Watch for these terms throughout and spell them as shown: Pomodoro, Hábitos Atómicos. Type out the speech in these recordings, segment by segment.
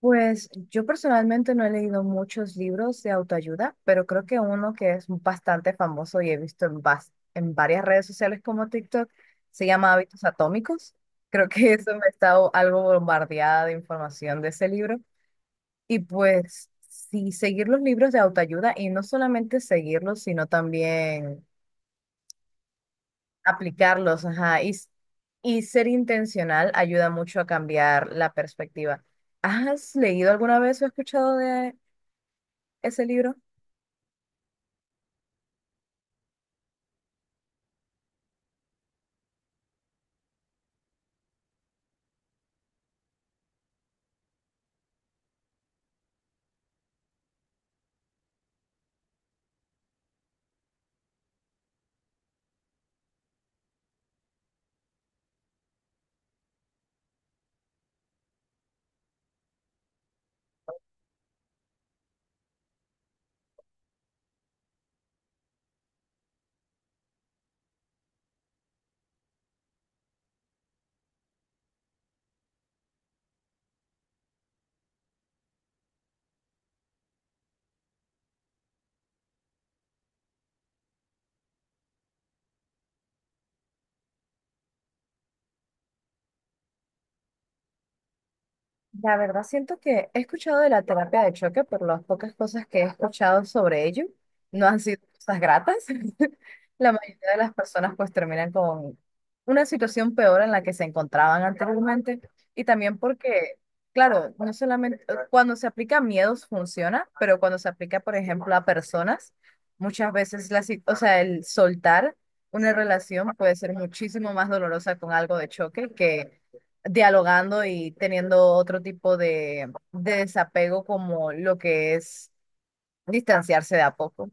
Pues yo personalmente no he leído muchos libros de autoayuda, pero creo que uno que es bastante famoso y he visto en varias redes sociales como TikTok se llama Hábitos Atómicos. Creo que eso me está algo bombardeada de información de ese libro. Y pues sí, seguir los libros de autoayuda y no solamente seguirlos, sino también aplicarlos, ajá, y ser intencional ayuda mucho a cambiar la perspectiva. ¿Has leído alguna vez o escuchado de ese libro? La verdad, siento que he escuchado de la terapia de choque, pero las pocas cosas que he escuchado sobre ello no han sido cosas gratas. La mayoría de las personas pues terminan con una situación peor en la que se encontraban anteriormente y también porque, claro, no solamente cuando se aplica a miedos funciona, pero cuando se aplica, por ejemplo, a personas, muchas veces la, si- o sea, el soltar una relación puede ser muchísimo más dolorosa con algo de choque que dialogando y teniendo otro tipo de desapego como lo que es distanciarse de a poco.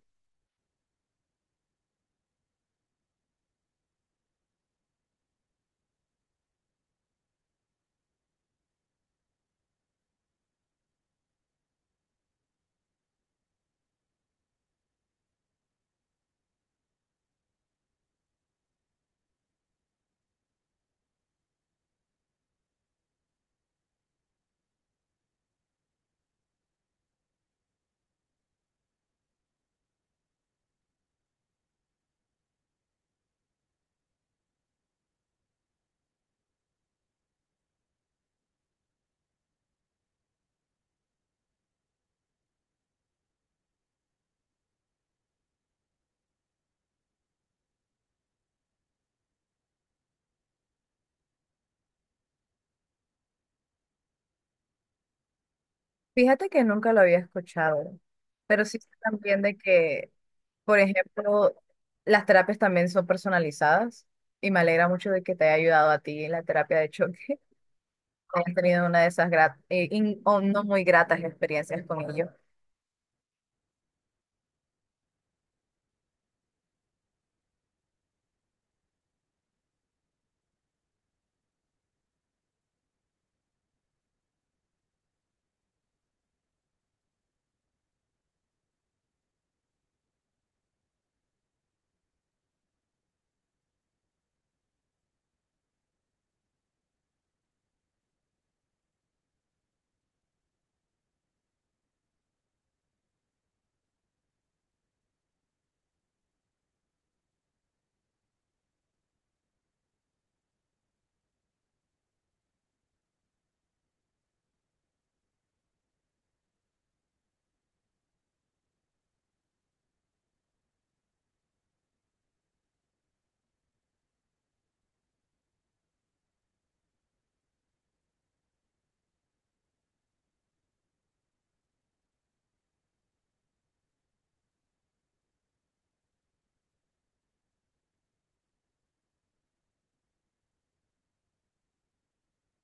Fíjate que nunca lo había escuchado, pero sí sé también de que, por ejemplo, las terapias también son personalizadas y me alegra mucho de que te haya ayudado a ti en la terapia de choque, hayas tenido una de esas o no muy gratas experiencias con ellos.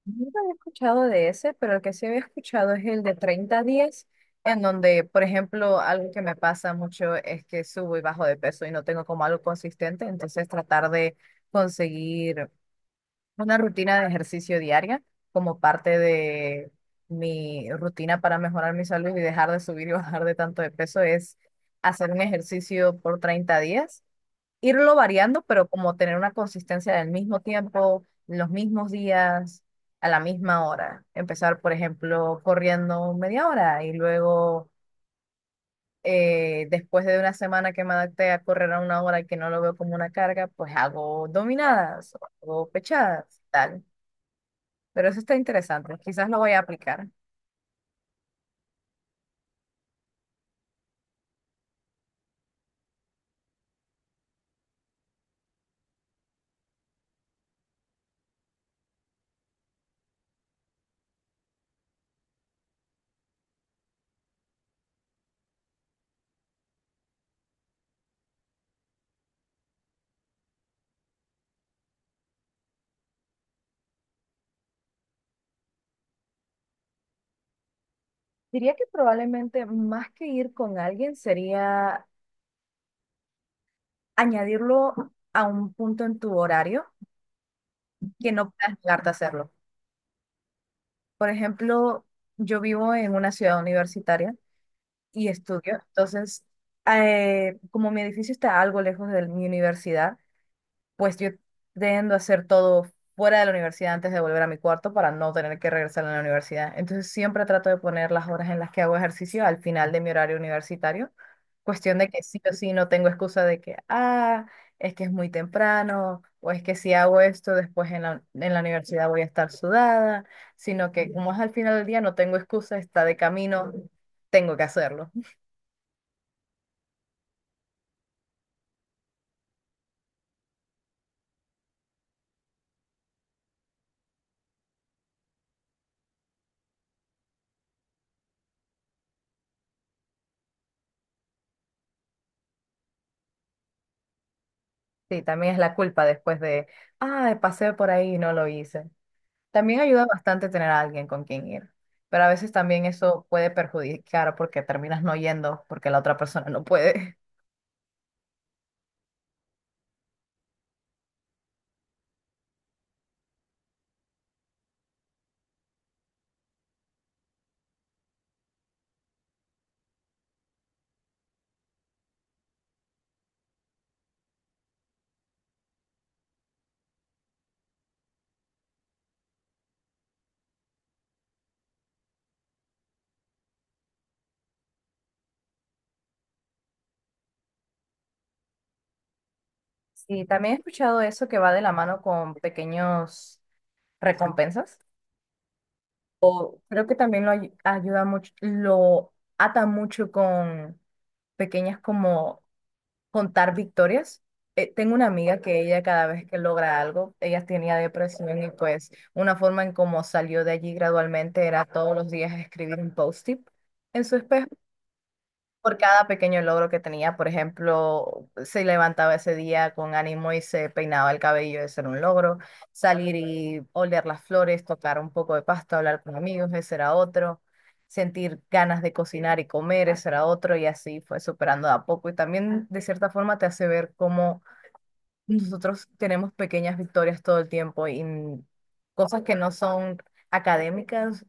No había escuchado de ese, pero el que sí había escuchado es el de 30 días en donde, por ejemplo, algo que me pasa mucho es que subo y bajo de peso y no tengo como algo consistente, entonces tratar de conseguir una rutina de ejercicio diaria como parte de mi rutina para mejorar mi salud y dejar de subir y bajar de tanto de peso es hacer un ejercicio por 30 días irlo variando, pero como tener una consistencia del mismo tiempo, los mismos días, a la misma hora. Empezar, por ejemplo, corriendo media hora y luego, después de una semana que me adapté a correr a una hora y que no lo veo como una carga, pues hago dominadas o hago pechadas, tal. Pero eso está interesante, quizás lo voy a aplicar. Diría que probablemente más que ir con alguien sería añadirlo a un punto en tu horario que no puedas negarte a hacerlo. Por ejemplo, yo vivo en una ciudad universitaria y estudio, entonces, como mi edificio está algo lejos de mi universidad, pues yo tiendo a hacer todo fuera de la universidad antes de volver a mi cuarto para no tener que regresar a la universidad. Entonces siempre trato de poner las horas en las que hago ejercicio al final de mi horario universitario. Cuestión de que sí o sí no tengo excusa de que, ah, es que es muy temprano, o es que si hago esto después en en la universidad voy a estar sudada, sino que como es al final del día no tengo excusa, está de camino, tengo que hacerlo. Sí, también es la culpa después de, ah, pasé por ahí y no lo hice. También ayuda bastante tener a alguien con quien ir, pero a veces también eso puede perjudicar porque terminas no yendo porque la otra persona no puede. Sí, también he escuchado eso que va de la mano con pequeños recompensas, o creo que también lo ayuda mucho, lo ata mucho con pequeñas como contar victorias. Tengo una amiga que ella cada vez que logra algo, ella tenía depresión y pues una forma en cómo salió de allí gradualmente era todos los días escribir un post-it en su espejo por cada pequeño logro que tenía. Por ejemplo, se levantaba ese día con ánimo y se peinaba el cabello, ese era un logro. Salir y oler las flores, tocar un poco de pasto, hablar con amigos, ese era otro. Sentir ganas de cocinar y comer, ese era otro. Y así fue superando de a poco. Y también, de cierta forma, te hace ver cómo nosotros tenemos pequeñas victorias todo el tiempo y cosas que no son académicas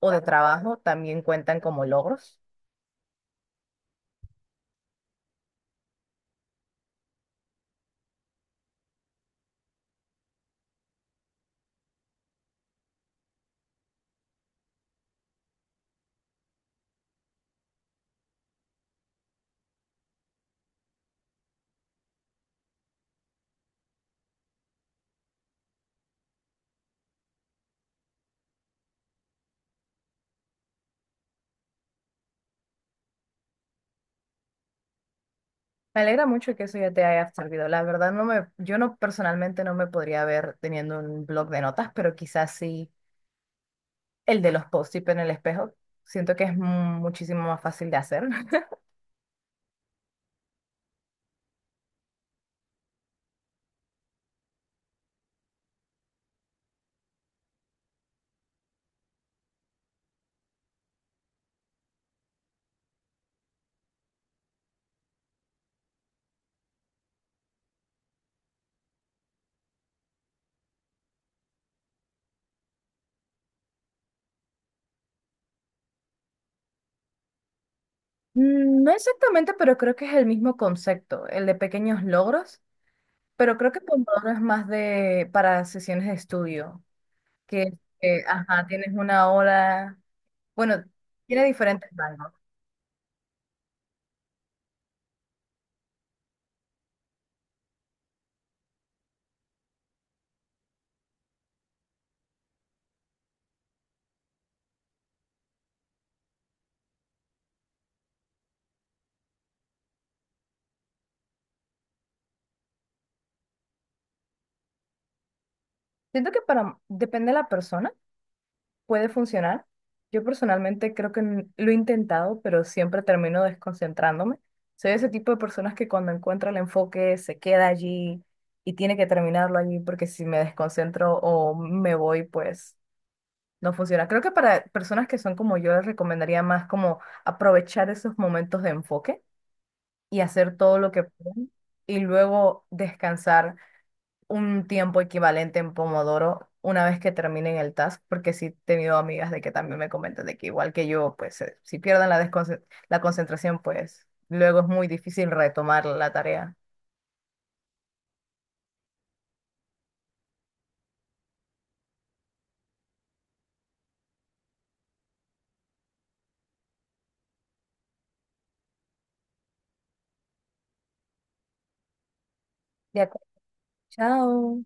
o de trabajo también cuentan como logros. Me alegra mucho que eso ya te haya servido. La verdad, yo no personalmente no me podría ver teniendo un blog de notas, pero quizás sí el de los post-it en el espejo. Siento que es muchísimo más fácil de hacer. Mm, no exactamente, pero creo que es el mismo concepto, el de pequeños logros, pero creo que Pomodoro es más de para sesiones de estudio, que, ajá, tienes una hora, bueno, tiene diferentes rangos. Siento que para, depende de la persona, puede funcionar. Yo personalmente creo que lo he intentado, pero siempre termino desconcentrándome. Soy ese tipo de personas que cuando encuentra el enfoque se queda allí y tiene que terminarlo allí porque si me desconcentro o me voy, pues no funciona. Creo que para personas que son como yo les recomendaría más como aprovechar esos momentos de enfoque y hacer todo lo que pueden y luego descansar un tiempo equivalente en Pomodoro una vez que terminen el task, porque sí he tenido amigas de que también me comentan de que igual que yo, pues si pierden la, la concentración, pues luego es muy difícil retomar la tarea. De acuerdo. Chao.